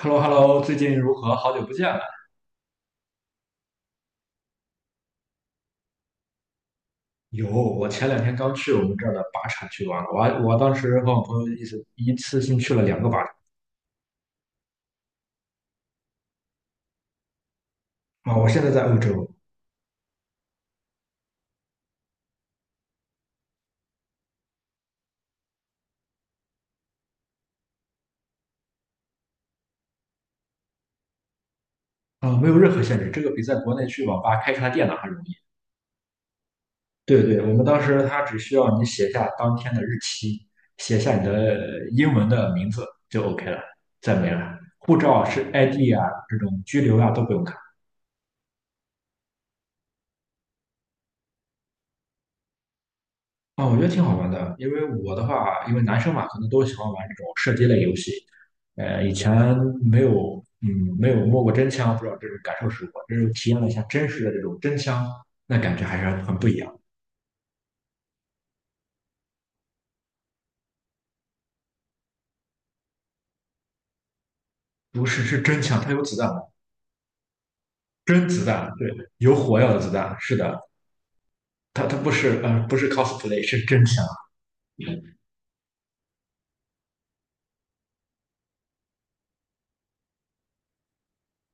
h e l l o h e l l o 最近如何？好久不见了。有，我前两天刚去我们这儿的靶场去玩了，我当时和我朋友一次性去了2个靶场啊。我现在在欧洲啊，没有任何限制，这个比在国内去网吧开一台电脑还容易。对对，我们当时他只需要你写下当天的日期，写下你的英文的名字就 OK 了，再没了。护照是 ID 啊，这种居留啊都不用看。啊，我觉得挺好玩的，因为我的话，因为男生嘛，可能都喜欢玩这种射击类游戏。以前没有，嗯，没有摸过真枪，不知道这种感受是如何。这是体验了一下真实的这种真枪，那感觉还是很不一样。不是，是真枪，它有子弹的真子弹，对，有火药的子弹。是的，它不是 cosplay，是真枪。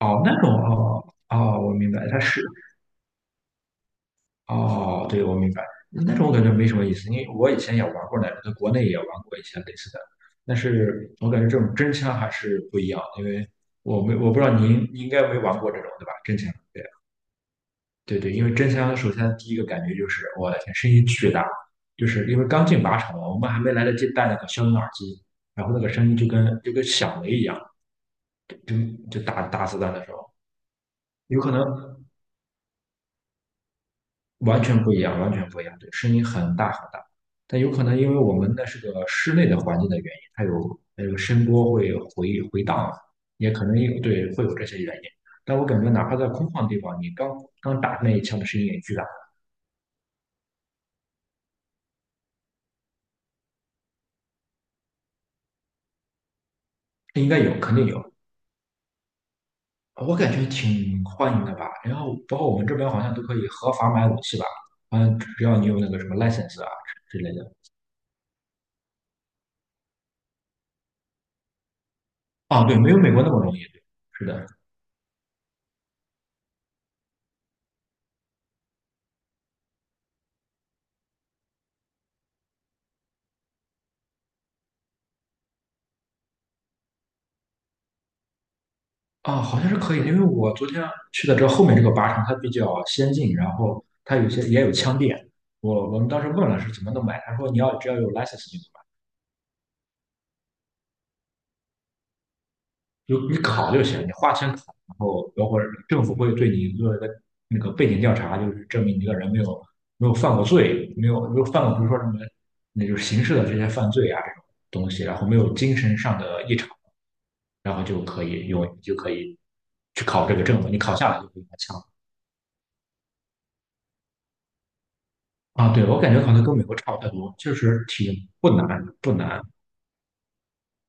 哦，那种哦哦，我明白，它是哦，对，我明白。那种我感觉没什么意思，因为我以前也玩过那种，在国内也玩过一些类似的，但是我感觉这种真枪还是不一样，因为我不知道您应该没玩过这种对吧？真枪，对对对，因为真枪首先第一个感觉就是我的天，声音巨大，就是因为刚进靶场嘛，我们还没来得及戴那个消音耳机，然后那个声音就跟响雷一样，就打子弹的时候，有可能完全不一样，完全不一样，对，声音很大很大。但有可能因为我们那是个室内的环境的原因，它有它个声波会回荡，也可能有对会有这些原因。但我感觉哪怕在空旷的地方，你刚刚打那一枪的声音也巨大，应该有，肯定有。我感觉挺欢迎的吧。然后包括我们这边好像都可以合法买武器吧，好像只要你有那个什么 license 啊之类的。啊，对，没有美国那么容易。对，是的。啊，好像是可以因为我昨天去的这后面这个靶场，它比较先进，然后它有些也有枪店。我们当时问了是怎么能买，他说你要只要有 license 就能买，有你考就行，你花钱考，然后包括政府会对你做一个那个背景调查，就是证明你这个人没有犯过罪，没有犯过比如说什么那就是刑事的这些犯罪啊这种东西，然后没有精神上的异常，然后就可以去考这个证了，你考下来就可以拿枪。啊，对，我感觉可能跟美国差不太多，确实挺不难，不难。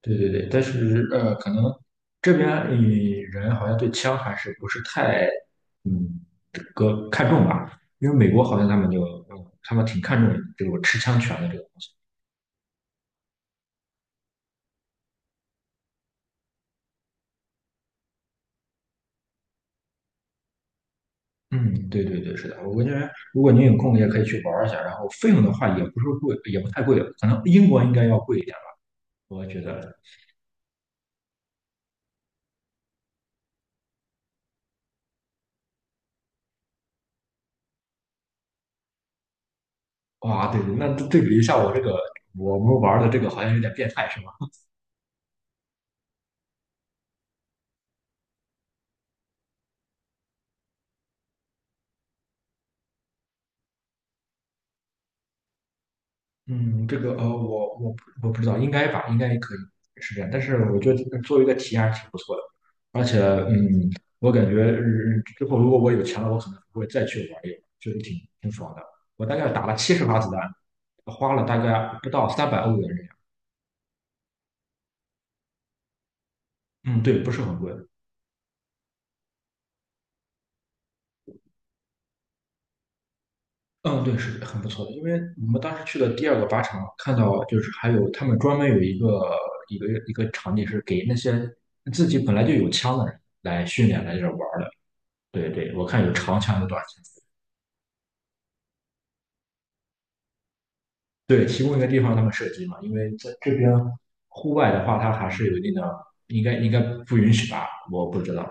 对对对，但是可能这边人好像对枪还是不是太嗯这个看重吧，因为美国好像他们挺看重这个持枪权的这个东西。嗯，对对对，是的，我感觉如果您有空也可以去玩儿一下，然后费用的话也不是贵，也不太贵，可能英国应该要贵一点吧，我觉得。哇，对对，那对比一下我这个我们玩儿的这个好像有点变态，是吧？嗯，这个我不知道，应该吧，应该可以是这样。但是我觉得作为一个体验还是挺不错的，而且嗯，我感觉之后如果我有钱了，我可能会再去玩一玩，确实挺爽的。我大概打了70发子弹，花了大概不到300欧元这样。嗯，对，不是很贵。嗯，对，是很不错的。因为我们当时去的第二个靶场，看到就是还有他们专门有一个场地是给那些自己本来就有枪的人来训练来这玩儿的。对对，我看有长枪有短枪。对，提供一个地方他们射击嘛，因为在这边户外的话，它还是有一定的，应该不允许吧？我不知道。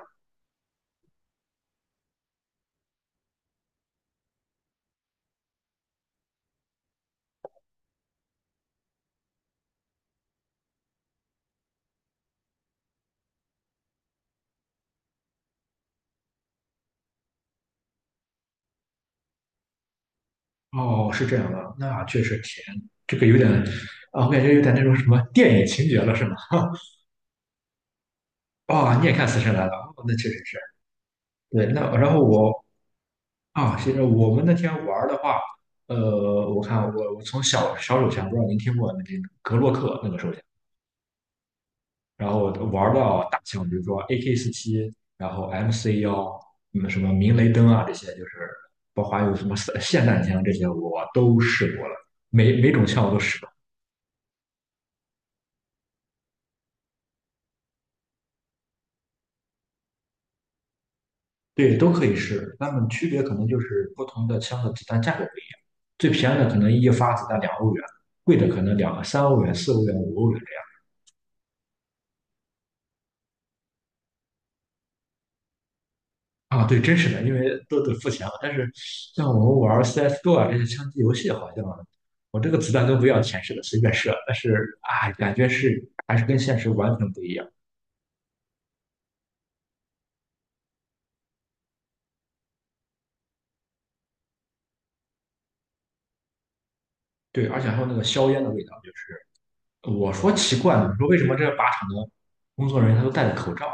哦，是这样的，那确实甜，这个有点啊，我感觉有点那种什么电影情节了，是吗？啊，你也看《死神来了》哦，那确实是。对，那然后其实我们那天玩的话，呃，我看我我从小手枪，不知道您听过那个格洛克那个手枪。然后玩到大枪，比如说 AK 47，然后 MC 1，嗯，什么明雷灯啊这些，就是包括还有什么霰弹枪这些，我都试过了，每种枪我都试过，对，都可以试，它们区别可能就是不同的枪的子弹价格不一样，最便宜的可能一发子弹两欧元，贵的可能2、3欧元、四欧元、5欧元。啊，对，真实的，因为都得付钱了。但是像我们玩 CS:GO 啊这些枪击游戏，好像我这个子弹都不要钱似的，随便射。但是啊，感觉还是跟现实完全不一样。对，而且还有那个硝烟的味道，就是我说奇怪呢，你说为什么这靶场的工作人员他都戴着口罩？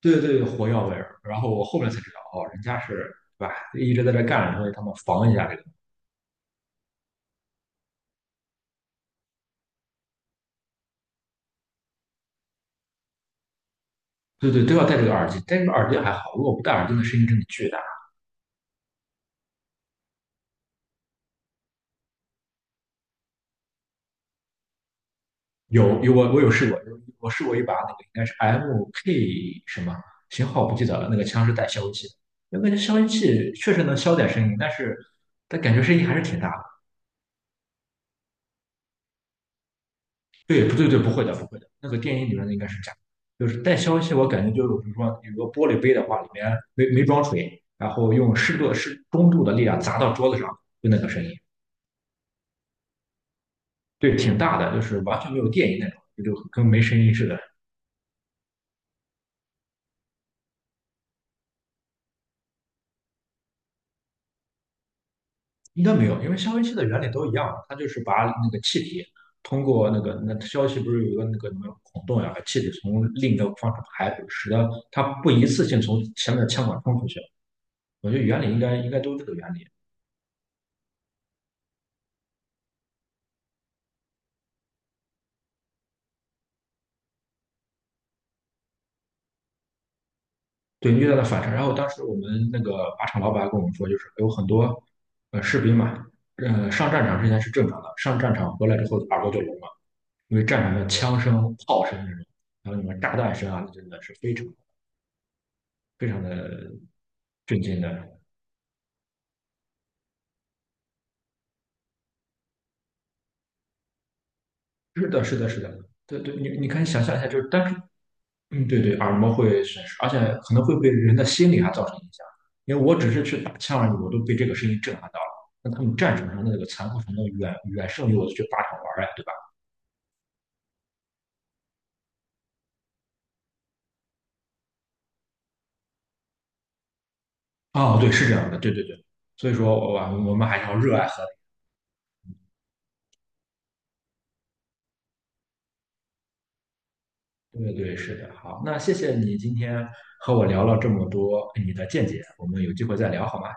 对对对，火药味儿。然后我后面才知道，哦，人家是对吧，一直在这干着，所以他们防一下这个。对对，都要戴这个耳机，戴这个耳机还好，如果不戴耳机，那声音真的巨大。我有试过，我试过一把那个应该是 MK 什么型号不记得了，那个枪是带消音器的，我感觉消音器确实能消点声音，但是它感觉声音还是挺大的。对，不对对，不会的不会的，那个电音里面的应该是假的，就是带消音器，我感觉就是比如说有个玻璃杯的话，里面没装水，然后用适中度的力量砸到桌子上，就那个声音，对，挺大的，就是完全没有电音那种，就跟没声音似的。应该没有，因为消音器的原理都一样啊，它就是把那个气体通过那个那消音器不是有一个那个什么孔洞呀，把气体从另一个方向排，使得它不一次性从前面的腔管冲出去。我觉得原理应该都是这个原理。对，你遇到了反差。然后当时我们那个靶场老板跟我们说，就是有很多士兵嘛，上战场之前是正常的，上战场回来之后耳朵就聋了，因为战场的枪声、炮声那种，还有什么炸弹声啊，那真的是非常非常的震惊的。是的，是的，是的，对对，你可以想象一下，就是单是，对对，耳膜会损失，而且可能会对人的心理还造成影响。因为我只是去打枪而已，我都被这个声音震撼到了。那他们战场上的那个残酷程度远远胜于我去靶场玩儿呀，对吧？哦，对，是这样的，对对对。所以说，我们还是要热爱和平。对对，是的。好，那谢谢你今天和我聊了这么多哎你的见解，我们有机会再聊好吗？